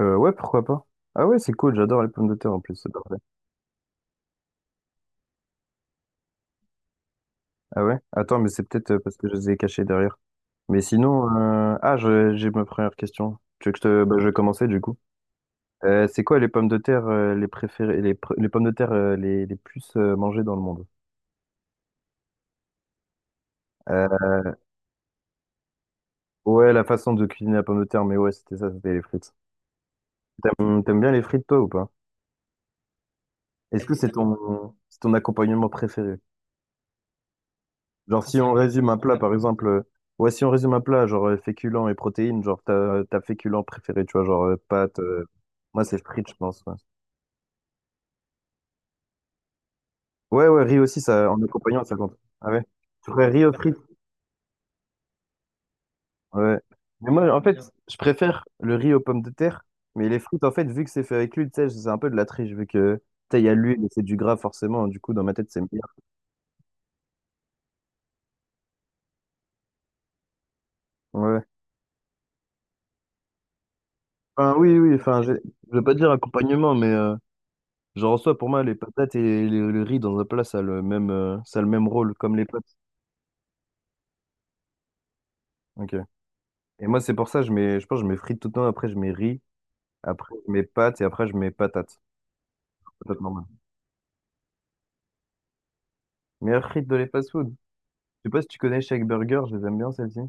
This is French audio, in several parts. Ouais, pourquoi pas. Ah ouais, c'est cool, j'adore les pommes de terre en plus, c'est parfait. Ah ouais? Attends, mais c'est peut-être parce que je les ai cachées derrière. Mais sinon, j'ai ma première question. Tu veux que je te... Bah, je vais commencer du coup. C'est quoi les pommes de terre les préférées, les pommes de terre les plus mangées dans le monde? Euh, ouais, la façon de cuisiner la pomme de terre, mais ouais, c'était ça, c'était les frites. T'aimes bien les frites, toi, ou pas? Est-ce que c'est ton accompagnement préféré? Genre, si on résume un plat, par exemple, ouais, si on résume un plat, genre féculents et protéines, genre ta féculent préféré, tu vois, genre pâtes. Moi, c'est frites, je pense. Ouais, ouais, ouais, riz aussi, ça, en accompagnant, ça compte. Ah ouais. Tu ferais riz aux frites? Ouais. Mais moi, en fait, je préfère le riz aux pommes de terre, mais les frites, en fait, vu que c'est fait avec l'huile, tu sais, c'est un peu de la triche, vu que, tu sais, il y a l'huile et c'est du gras, forcément, du coup, dans ma tête, c'est meilleur. Ouais. Enfin, oui, oui, enfin, je vais pas dire accompagnement, mais. Genre, en soi, pour moi, les patates et le riz dans un plat, ça a le même rôle, comme les pâtes. Ok. Et moi, c'est pour ça, je mets, je pense, que je mets frites tout le temps, après, je mets riz, après, je mets pâtes et après, je mets patates. Patates normales. Meilleure frite de les fast-food. Je sais pas si tu connais Shake Burger, je les aime bien, celles-ci.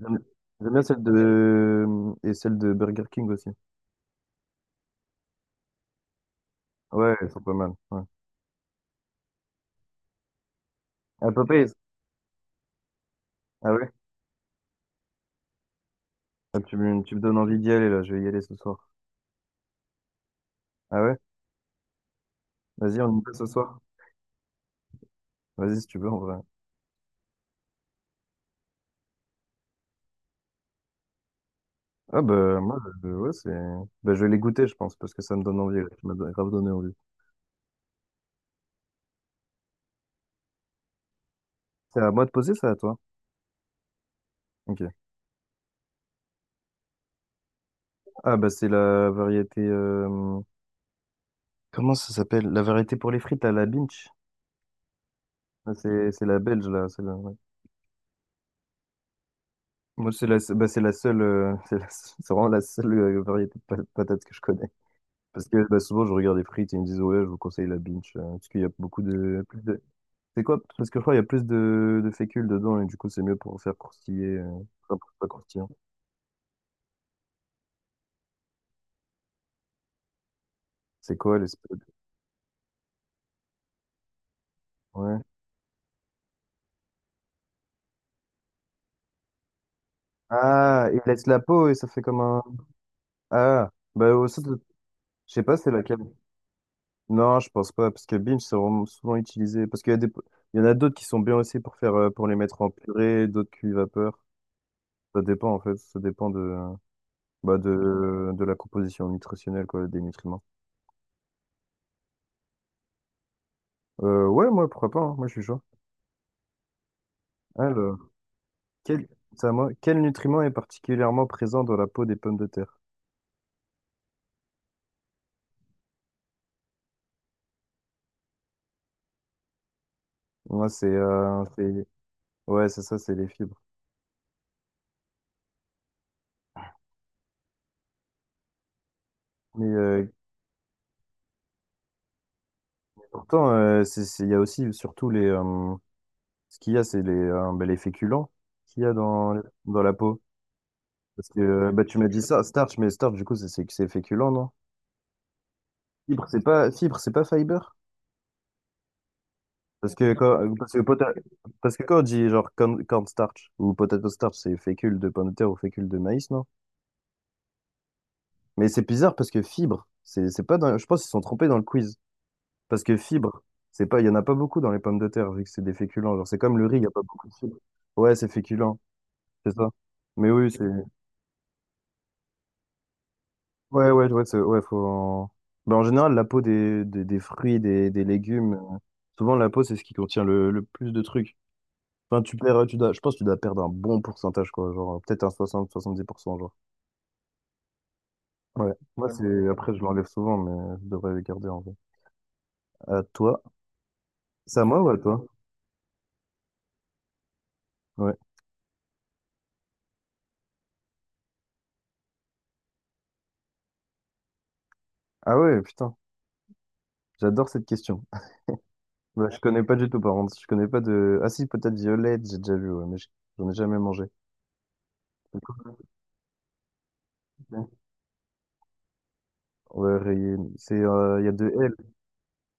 J'aime j'aime bien celle de. Et celle de Burger King aussi. Ouais, elles sont pas mal. Ouais. À Popeyes. Ah ouais? Ah, tu, tu me donnes envie d'y aller, là, je vais y aller ce soir. Ah ouais? Vas-y, on y va ce soir. Vas-y, si tu veux, en vrai. Ah bah moi ouais, c'est bah, je vais les goûter je pense parce que ça me donne envie là. Tu grave donné envie. C'est à moi de poser ça à toi. OK. Ah bah c'est la variété comment ça s'appelle? La variété pour les frites à la Binch. Ah, c'est la belge là, ouais. Moi bah, c'est la seule c'est vraiment la seule variété de patates que je connais parce que bah, souvent je regarde les frites et ils me disent ouais, je vous conseille la Binch parce qu'il y a beaucoup de plus de. C'est quoi? Parce que je crois qu'il y a plus de fécule dedans et du coup c'est mieux pour faire croustiller enfin, pour pas croustillant. C'est quoi l'espèce? Ouais. Ah, il laisse la peau et ça fait comme un. Ah, bah, ça, je sais pas, c'est laquelle. Non, je pense pas, parce que Binge, c'est vraiment souvent utilisé. Parce qu'il y a des... Il y en a d'autres qui sont bien aussi pour les mettre en purée, d'autres cuits vapeur. Ça dépend, en fait. Ça dépend bah, de la composition nutritionnelle, quoi, des nutriments. Ouais, moi, pourquoi pas, hein, moi, je suis chaud. Alors, quel, c'est à moi. Quel nutriment est particulièrement présent dans la peau des pommes de terre? Moi, ouais, c'est ça, c'est les fibres. Mais, euh, Pourtant, il y a aussi surtout les. Ce qu'il y a, c'est bah, les féculents qu'il y a dans la peau. Parce que bah, tu m'as dit ça, starch, mais starch, du coup, c'est féculent, non? Fibre, c'est pas fiber? Parce que quand, parce que, pota- parce que quand on dit genre corn starch ou potato starch, c'est fécule de pomme de terre ou fécule de maïs, non? Mais c'est bizarre parce que fibre, c'est pas je pense qu'ils se sont trompés dans le quiz. Parce que fibre, c'est pas, il y en a pas beaucoup dans les pommes de terre, vu que c'est des féculents. Genre, c'est comme le riz, il y a pas beaucoup de fibres. Ouais, c'est féculent. C'est ça. Mais oui, c'est. Ouais, ouais, ouais, ouais, faut. Ben, en général, la peau des fruits, des légumes, souvent la peau, c'est ce qui contient le plus de trucs. Enfin, tu perds, tu dois, je pense que tu dois perdre un bon pourcentage, quoi. Genre, peut-être un 60-70 % genre. Ouais. Moi, c'est. Après, je l'enlève souvent, mais je devrais le garder en vrai. À toi. C'est à moi ou à toi? Ouais. Ah ouais, putain. J'adore cette question. Bah, je connais pas du tout, par contre. Je connais pas de. Ah si, peut-être violette, j'ai déjà vu, ouais, mais j'en ai jamais mangé. Ouais, rayé. Il y a deux L.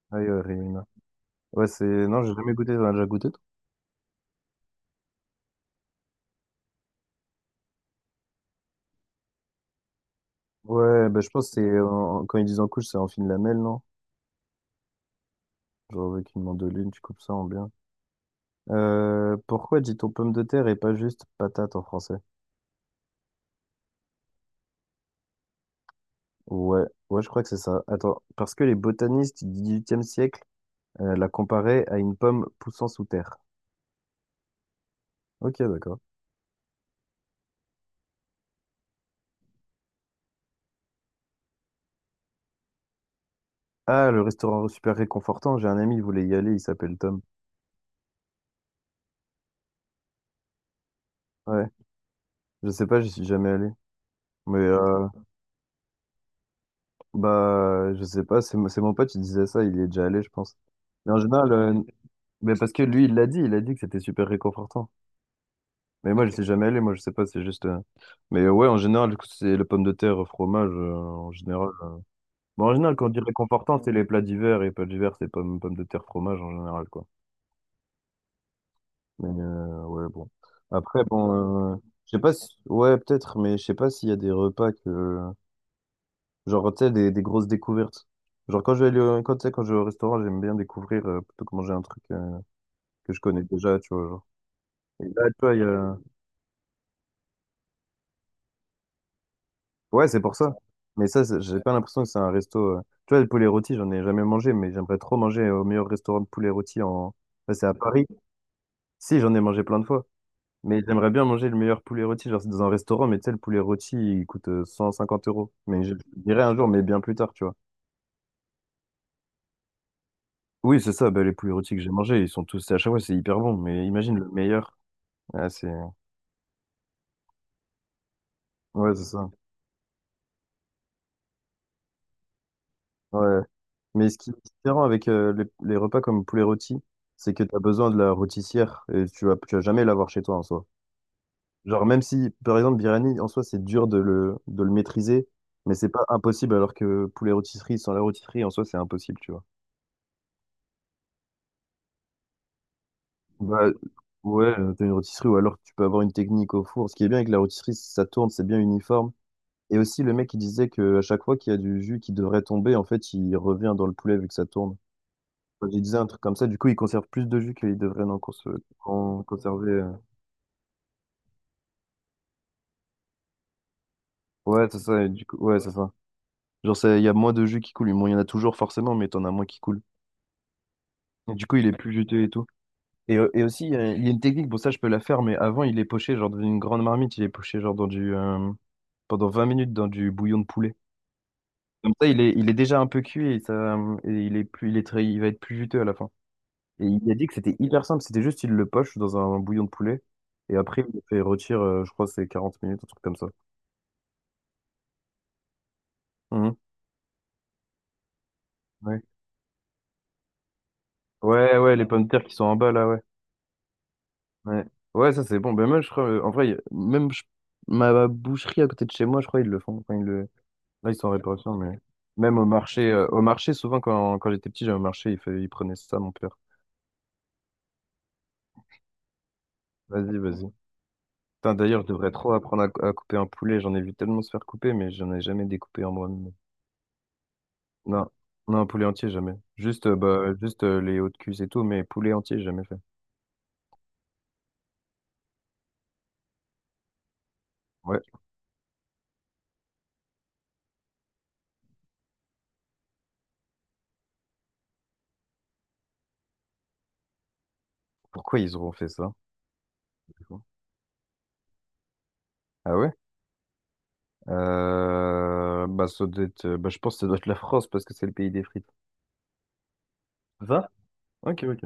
Skyrim. Ouais, c'est. Non, j'ai jamais goûté. T'en as déjà goûté, toi? Ouais, bah, je pense que c'est. Quand ils disent en couche, c'est en fine lamelle, non? Genre avec une mandoline, tu coupes ça en bien. Pourquoi dit-on pomme de terre et pas juste patate en français? Ouais, ouais, je crois que c'est ça. Attends, parce que les botanistes du XVIIIe siècle la comparaient à une pomme poussant sous terre. Ok, d'accord. Ah, le restaurant super réconfortant. J'ai un ami, il voulait y aller, il s'appelle Tom. Ouais, je sais pas, j'y suis jamais allé. Mais bah, je sais pas, c'est mon pote, il disait ça, il y est déjà allé, je pense. Mais en général, mais parce que lui, il l'a dit, il a dit que c'était super réconfortant. Mais moi, je suis jamais allé, moi, je sais pas, c'est juste. Mais ouais, en général, du coup, c'est les pommes de terre, fromage, en général. Bon, en général, quand on dit réconfortant, c'est les plats d'hiver, et plats d'hiver, c'est pommes, pommes de terre, fromage, en général, quoi. Mais ouais, bon. Après, bon, je sais pas si. Ouais, peut-être, mais je sais pas s'il y a des repas que. Genre, tu sais, des grosses découvertes. Genre, quand je vais aller au, quand, tu sais, quand je vais au restaurant, j'aime bien découvrir plutôt que manger un truc que je connais déjà, tu vois. Genre. Et là, tu vois, il y a... Ouais, c'est pour ça. Mais ça, j'ai pas l'impression que c'est un resto. Tu vois, le poulet rôti, j'en ai jamais mangé, mais j'aimerais trop manger au meilleur restaurant de poulet rôti en. Enfin, c'est à Paris. Si, j'en ai mangé plein de fois. Mais j'aimerais bien manger le meilleur poulet rôti. Genre, c'est dans un restaurant, mais tu sais, le poulet rôti, il coûte 150 euros. Mais je dirais un jour, mais bien plus tard, tu vois. Oui, c'est ça, bah, les poulets rôtis que j'ai mangés, ils sont tous, à chaque fois, c'est hyper bon, mais imagine le meilleur. Ah, c'est... Ouais, c'est ça. Ouais. Mais ce qui est différent avec les repas comme poulet rôti, c'est que tu as besoin de la rôtissière et tu vas jamais l'avoir chez toi en soi. Genre, même si, par exemple, biryani, en soi, c'est dur de le maîtriser, mais c'est pas impossible, alors que poulet rôtisserie, sans la rôtisserie, en soi, c'est impossible, tu vois. Bah, ouais, t'as une rôtisserie, ou alors tu peux avoir une technique au four. Ce qui est bien avec la rôtisserie, c'est que ça tourne, c'est bien uniforme. Et aussi, le mec, il disait que à chaque fois qu'il y a du jus qui devrait tomber, en fait, il revient dans le poulet vu que ça tourne. Quand je disais un truc comme ça, du coup, ils conservent plus de jus qu'ils devraient en conserver. Ouais, c'est ça, et du coup, ouais, c'est ça. Genre, il y a moins de jus qui coule. Bon, il y en a toujours forcément, mais t'en as moins qui coule. Et du coup, il est plus juteux et tout. Et aussi, il y a une technique, bon, ça, je peux la faire, mais avant, il est poché, genre, dans une grande marmite, il est poché, genre, pendant 20 minutes dans du bouillon de poulet. Comme ça, il est déjà un peu cuit et, et il est plus, il est très, il va être plus juteux à la fin. Et il a dit que c'était hyper simple, c'était juste, il le poche dans un bouillon de poulet. Et après, il le fait retirer, je crois, que c'est 40 minutes, un truc comme ça. Mhm. Ouais. Ouais, ouais, les pommes de terre qui sont en bas là, ouais. Ouais, ouais, ça c'est bon. Ben moi, je crois, en vrai, ma boucherie à côté de chez moi, je crois ils le font. Enfin, ils le... Là, ils sont en réparation, mais même au marché, souvent quand j'étais petit, j'allais au marché, il prenait ça, mon père. Vas-y, vas-y. Putain, d'ailleurs, je devrais trop apprendre à couper un poulet. J'en ai vu tellement se faire couper, mais j'en ai jamais découpé en moi-même. Non, non, un poulet entier, jamais. Juste, bah, juste les hauts de cuisse et tout, mais poulet entier, j'ai jamais fait. Ouais. Pourquoi ils auront fait ça? Du coup. Ah ouais? Bah, ça doit être, bah, je pense que ça doit être la France parce que c'est le pays des frites. Va? Ok, ok.